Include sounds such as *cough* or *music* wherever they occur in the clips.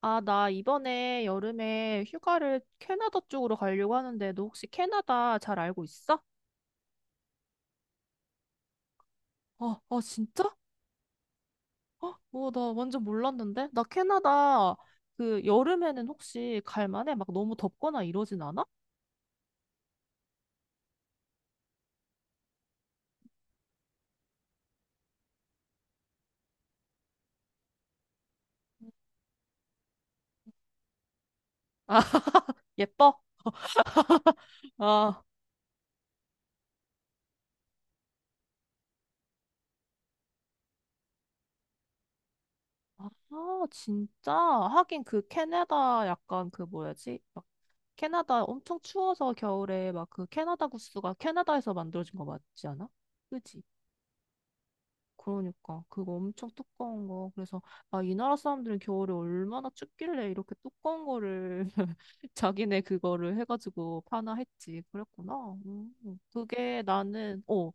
아, 나 이번에 여름에 휴가를 캐나다 쪽으로 가려고 하는데, 너 혹시 캐나다 잘 알고 있어? 아, 진짜? 어, 어, 나 완전 몰랐는데? 나 캐나다 그 여름에는 혹시 갈 만해? 막 너무 덥거나 이러진 않아? *laughs* 예뻐? 아, 아, 진짜? 하긴 그 캐나다 약간 그 뭐야지? 막 캐나다 엄청 추워서 겨울에 막 그 캐나다 구스가 캐나다에서 만들어진 거 맞지 않아? 그지? 그러니까 그거 엄청 두꺼운 거. 그래서 아, 이 나라 사람들은 겨울에 얼마나 춥길래 이렇게 두꺼운 거를 *laughs* 자기네 그거를 해가지고 파나 했지. 그랬구나. 음. 그게 나는 어,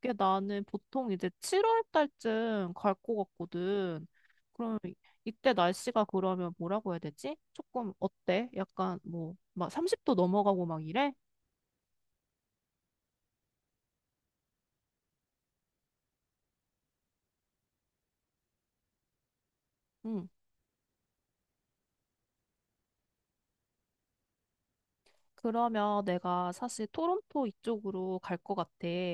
그게 나는 보통 이제 7월 달쯤 갈 것 같거든. 그럼 이때 날씨가 그러면 뭐라고 해야 되지? 조금 어때? 약간 뭐 막 30도 넘어가고 막 이래? 응. 그러면 내가 사실 토론토 이쪽으로 갈 것 같아.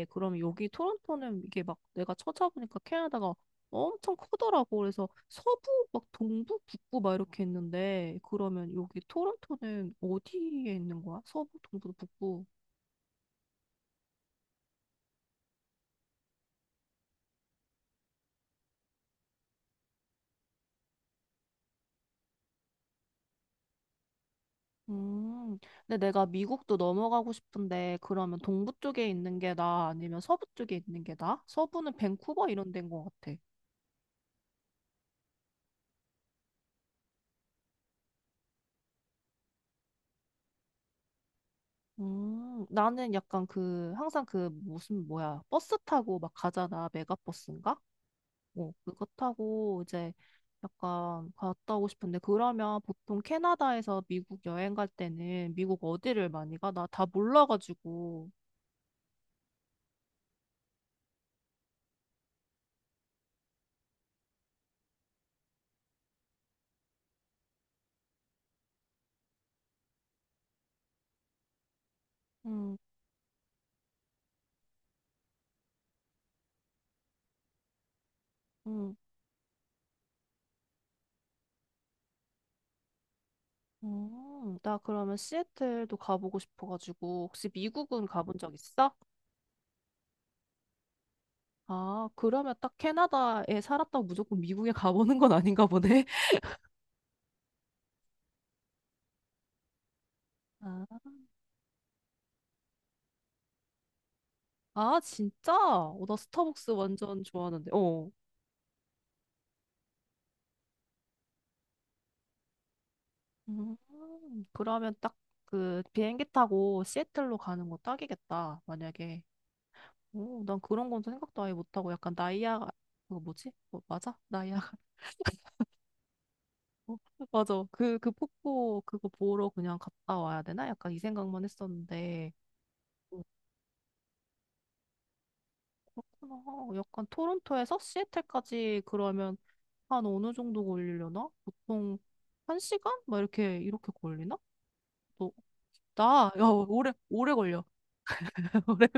그럼 여기 토론토는 이게 막 내가 찾아보니까 캐나다가 엄청 크더라고. 그래서 서부, 막 동부, 북부 막 이렇게 있는데 그러면 여기 토론토는 어디에 있는 거야? 서부, 동부, 북부. 음, 근데 내가 미국도 넘어가고 싶은데 그러면 동부 쪽에 있는 게 나아? 아니면 서부 쪽에 있는 게 나아? 서부는 밴쿠버 이런 데인 것 같아. 나는 약간 그, 항상 그, 무슨, 뭐야, 버스 타고 막 가잖아. 메가버스인가? 어, 그거 타고 이제 약간 갔다 오고 싶은데, 그러면 보통 캐나다에서 미국 여행 갈 때는 미국 어디를 많이 가? 나 다 몰라가지고. 음, 음, 나 그러면 시애틀도 가보고 싶어가지고, 혹시 미국은 가본 적 있어? 아, 그러면 딱 캐나다에 살았다고 무조건 미국에 *laughs* 가보는 건 아닌가 보네. *laughs* 아. 아, 진짜? 어, 나 스타벅스 완전 좋아하는데. 어. 음, 그러면 딱 그 비행기 타고 시애틀로 가는 거 딱이겠다, 만약에. 오, 난 그런 건 생각도 아예 못하고 약간 나이아가, 그거 뭐지? 뭐, 맞아? 나이아가. *laughs* 어, 맞아. 그 폭포 그거 보러 그냥 갔다 와야 되나? 약간 이 생각만 했었는데. 오, 그렇구나. 약간 토론토에서 시애틀까지 그러면 한 어느 정도 걸리려나? 보통 한 시간? 막 이렇게 걸리나? 뭐, 나? 야, 오래, 오래 걸려. *laughs* 오래,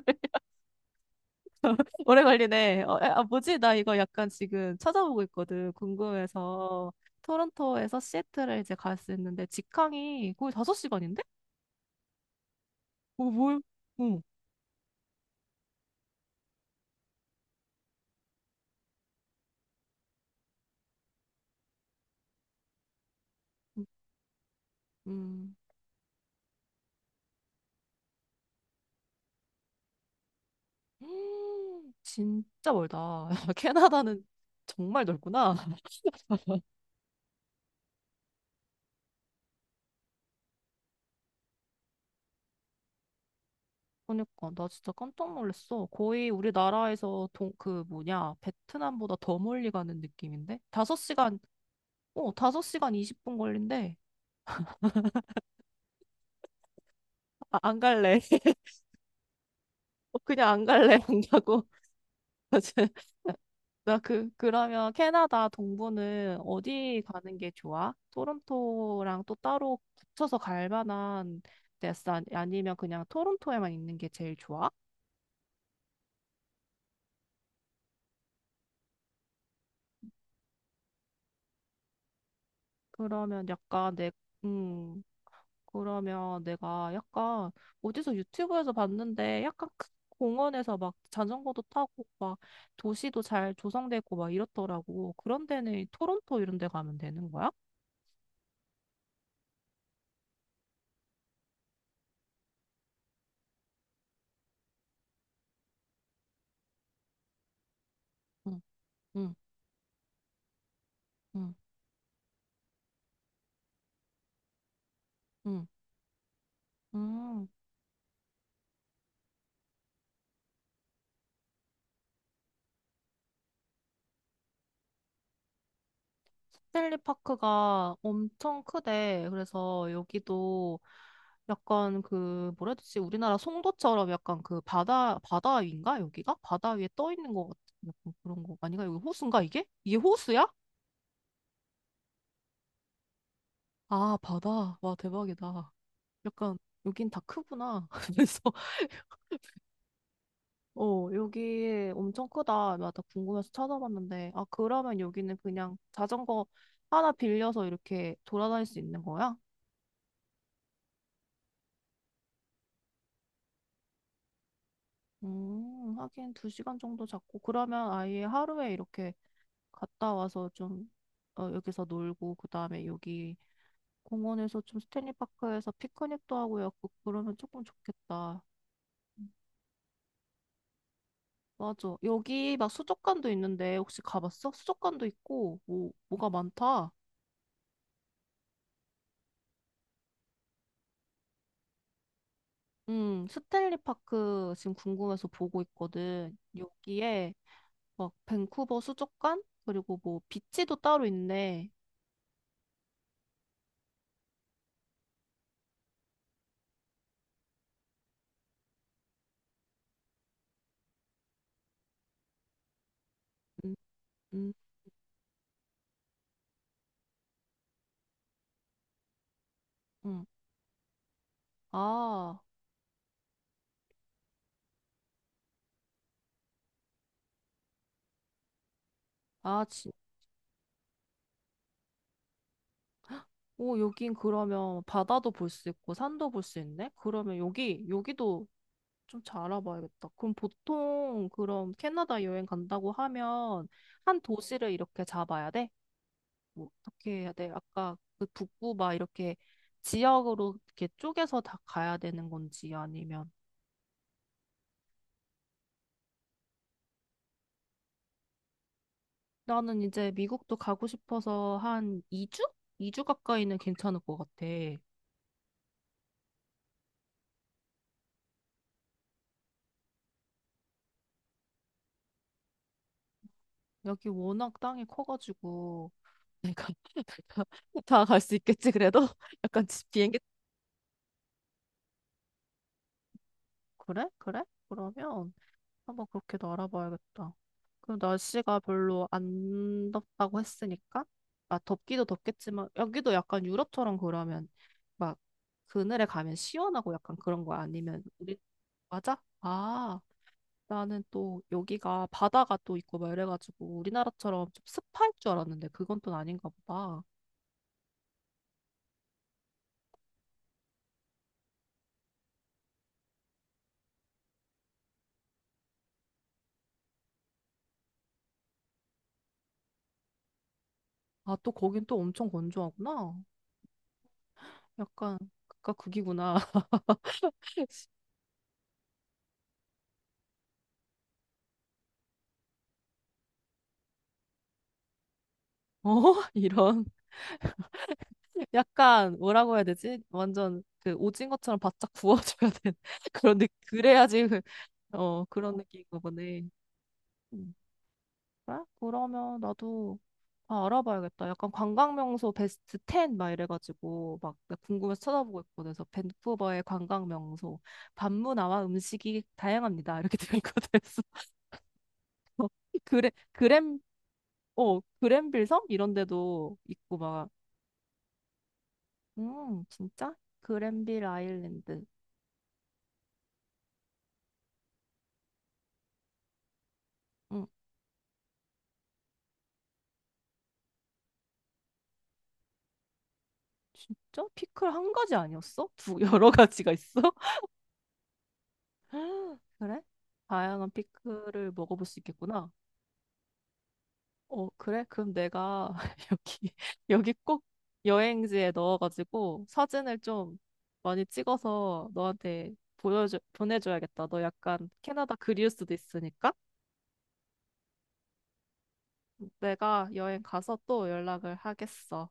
*laughs* 오래 걸리네. 어, 아, 뭐지? 나 이거 약간 지금 찾아보고 있거든. 궁금해서. 토론토에서 시애틀에 이제 갈 수 있는데, 직항이 거의 5시간인데? 어, 뭘? 응. 음, 음, *gasps* 진짜 멀다. *laughs* 캐나다는 정말 넓구나. *laughs* 그러니까 나 진짜 깜짝 놀랐어. 거의 우리나라에서 그 뭐냐 베트남보다 더 멀리 가는 느낌인데 다섯 시간 어, 5시간 20분 걸린대. 아, 안 갈래. *laughs* 어, 그냥 안 갈래. 안 가고. *laughs* 맞아. 나 그, 그러면 캐나다 동부는 어디 가는 게 좋아? 토론토랑 또 따로 붙여서 갈 만한 데스 아니면 그냥 토론토에만 있는 게 제일 좋아? 그러면 약간 내, 음, 그러면 내가 약간 어디서 유튜브에서 봤는데 약간 큰 공원에서 막 자전거도 타고 막 도시도 잘 조성되고 막 이렇더라고. 그런 데는 이 토론토 이런 데 가면 되는 거야? 응, 응, 응, 응. 음, 헨리파크가 엄청 크대. 그래서 여기도 약간 그 뭐라 해야 되지? 우리나라 송도처럼 약간 그 바다 위인가 여기가? 바다 위에 떠 있는 것 같은 약간 그런 거 아닌가? 여기 호수인가 이게? 이게 호수야? 아, 바다. 와, 대박이다. 약간, 여긴 다 크구나. *laughs* 그래서, 어, 여기 엄청 크다. 나 다 궁금해서 찾아봤는데, 아, 그러면 여기는 그냥 자전거 하나 빌려서 이렇게 돌아다닐 수 있는 거야? 하긴 두 시간 정도 잡고, 그러면 아예 하루에 이렇게 갔다 와서 좀, 어, 여기서 놀고, 그 다음에 여기 공원에서 좀 스탠리파크에서 피크닉도 하고, 요 그러면 조금 좋겠다. 맞아. 여기 막 수족관도 있는데 혹시 가봤어? 수족관도 있고 뭐 뭐가 많다. 스탠리 파크 지금 궁금해서 보고 있거든. 여기에 막 밴쿠버 수족관 그리고 뭐 비치도 따로 있네. 음, 음. 음. 아, 아, 진. 오, 여긴 그러면 바다도 볼 수 있고 산도 볼 수 있네. 그러면 여기 여기도 좀 잘 알아봐야겠다. 그럼 보통 그럼 캐나다 여행 간다고 하면 한 도시를 이렇게 잡아야 돼? 뭐 어떻게 해야 돼? 아까 그 북부 막 이렇게 지역으로 이렇게 쪼개서 다 가야 되는 건지 아니면 나는 이제 미국도 가고 싶어서 한 2주? 2주 가까이는 괜찮을 것 같아. 여기 워낙 땅이 커가지고 내가 *laughs* 다 갈 수 있겠지 그래도 *laughs* 약간 지- 비행기 그래? 그래? 그러면 한번 그렇게도 알아봐야겠다. 그럼 날씨가 별로 안 덥다고 했으니까, 아, 덥기도 덥겠지만, 여기도 약간 유럽처럼 그러면, 막, 그늘에 가면 시원하고 약간 그런 거야? 아니면, 우리, 맞아? 아, 나는 또 여기가 바다가 또 있고 막 이래가지고, 우리나라처럼 좀 습할 줄 알았는데, 그건 또 아닌가 보다. 아, 또 거긴 또 엄청 건조하구나. 약간, 그니까 극이구나. *laughs* 어? *laughs* 이런. 약간 뭐라고 해야 되지? 완전 그 오징어처럼 바짝 구워줘야 되는 *laughs* 그런 느 그래야지 그- 어 그런 느낌인가 보네. 음. 그래? 그러면 나도 다 알아봐야겠다. 약간 관광 명소 베스트 10 막 이래가지고 막 나 궁금해서 찾아보고 있거든. 그래서 밴쿠버의 관광 명소 밤문화와 음식이 다양합니다. 이렇게 들어있거든. 그래서 *laughs* 그래 그램 어 그랜빌 섬 이런 데도 있고 막 진짜 그랜빌 아일랜드 음. 진짜? 피클 한 가지 아니었어? 두 *laughs* 여러 가지가 있어? *gasps* *laughs* 그래? 다양한 피클을 먹어볼 수 있겠구나. 어, 그래? 그럼 내가 *laughs* 여기 여기 꼭 여행지에 넣어가지고 사진을 좀 많이 찍어서 너한테 보여줘 보내줘야겠다. 너 약간 캐나다 그리울 수도 있으니까 내가 여행 가서 또 연락을 하겠어.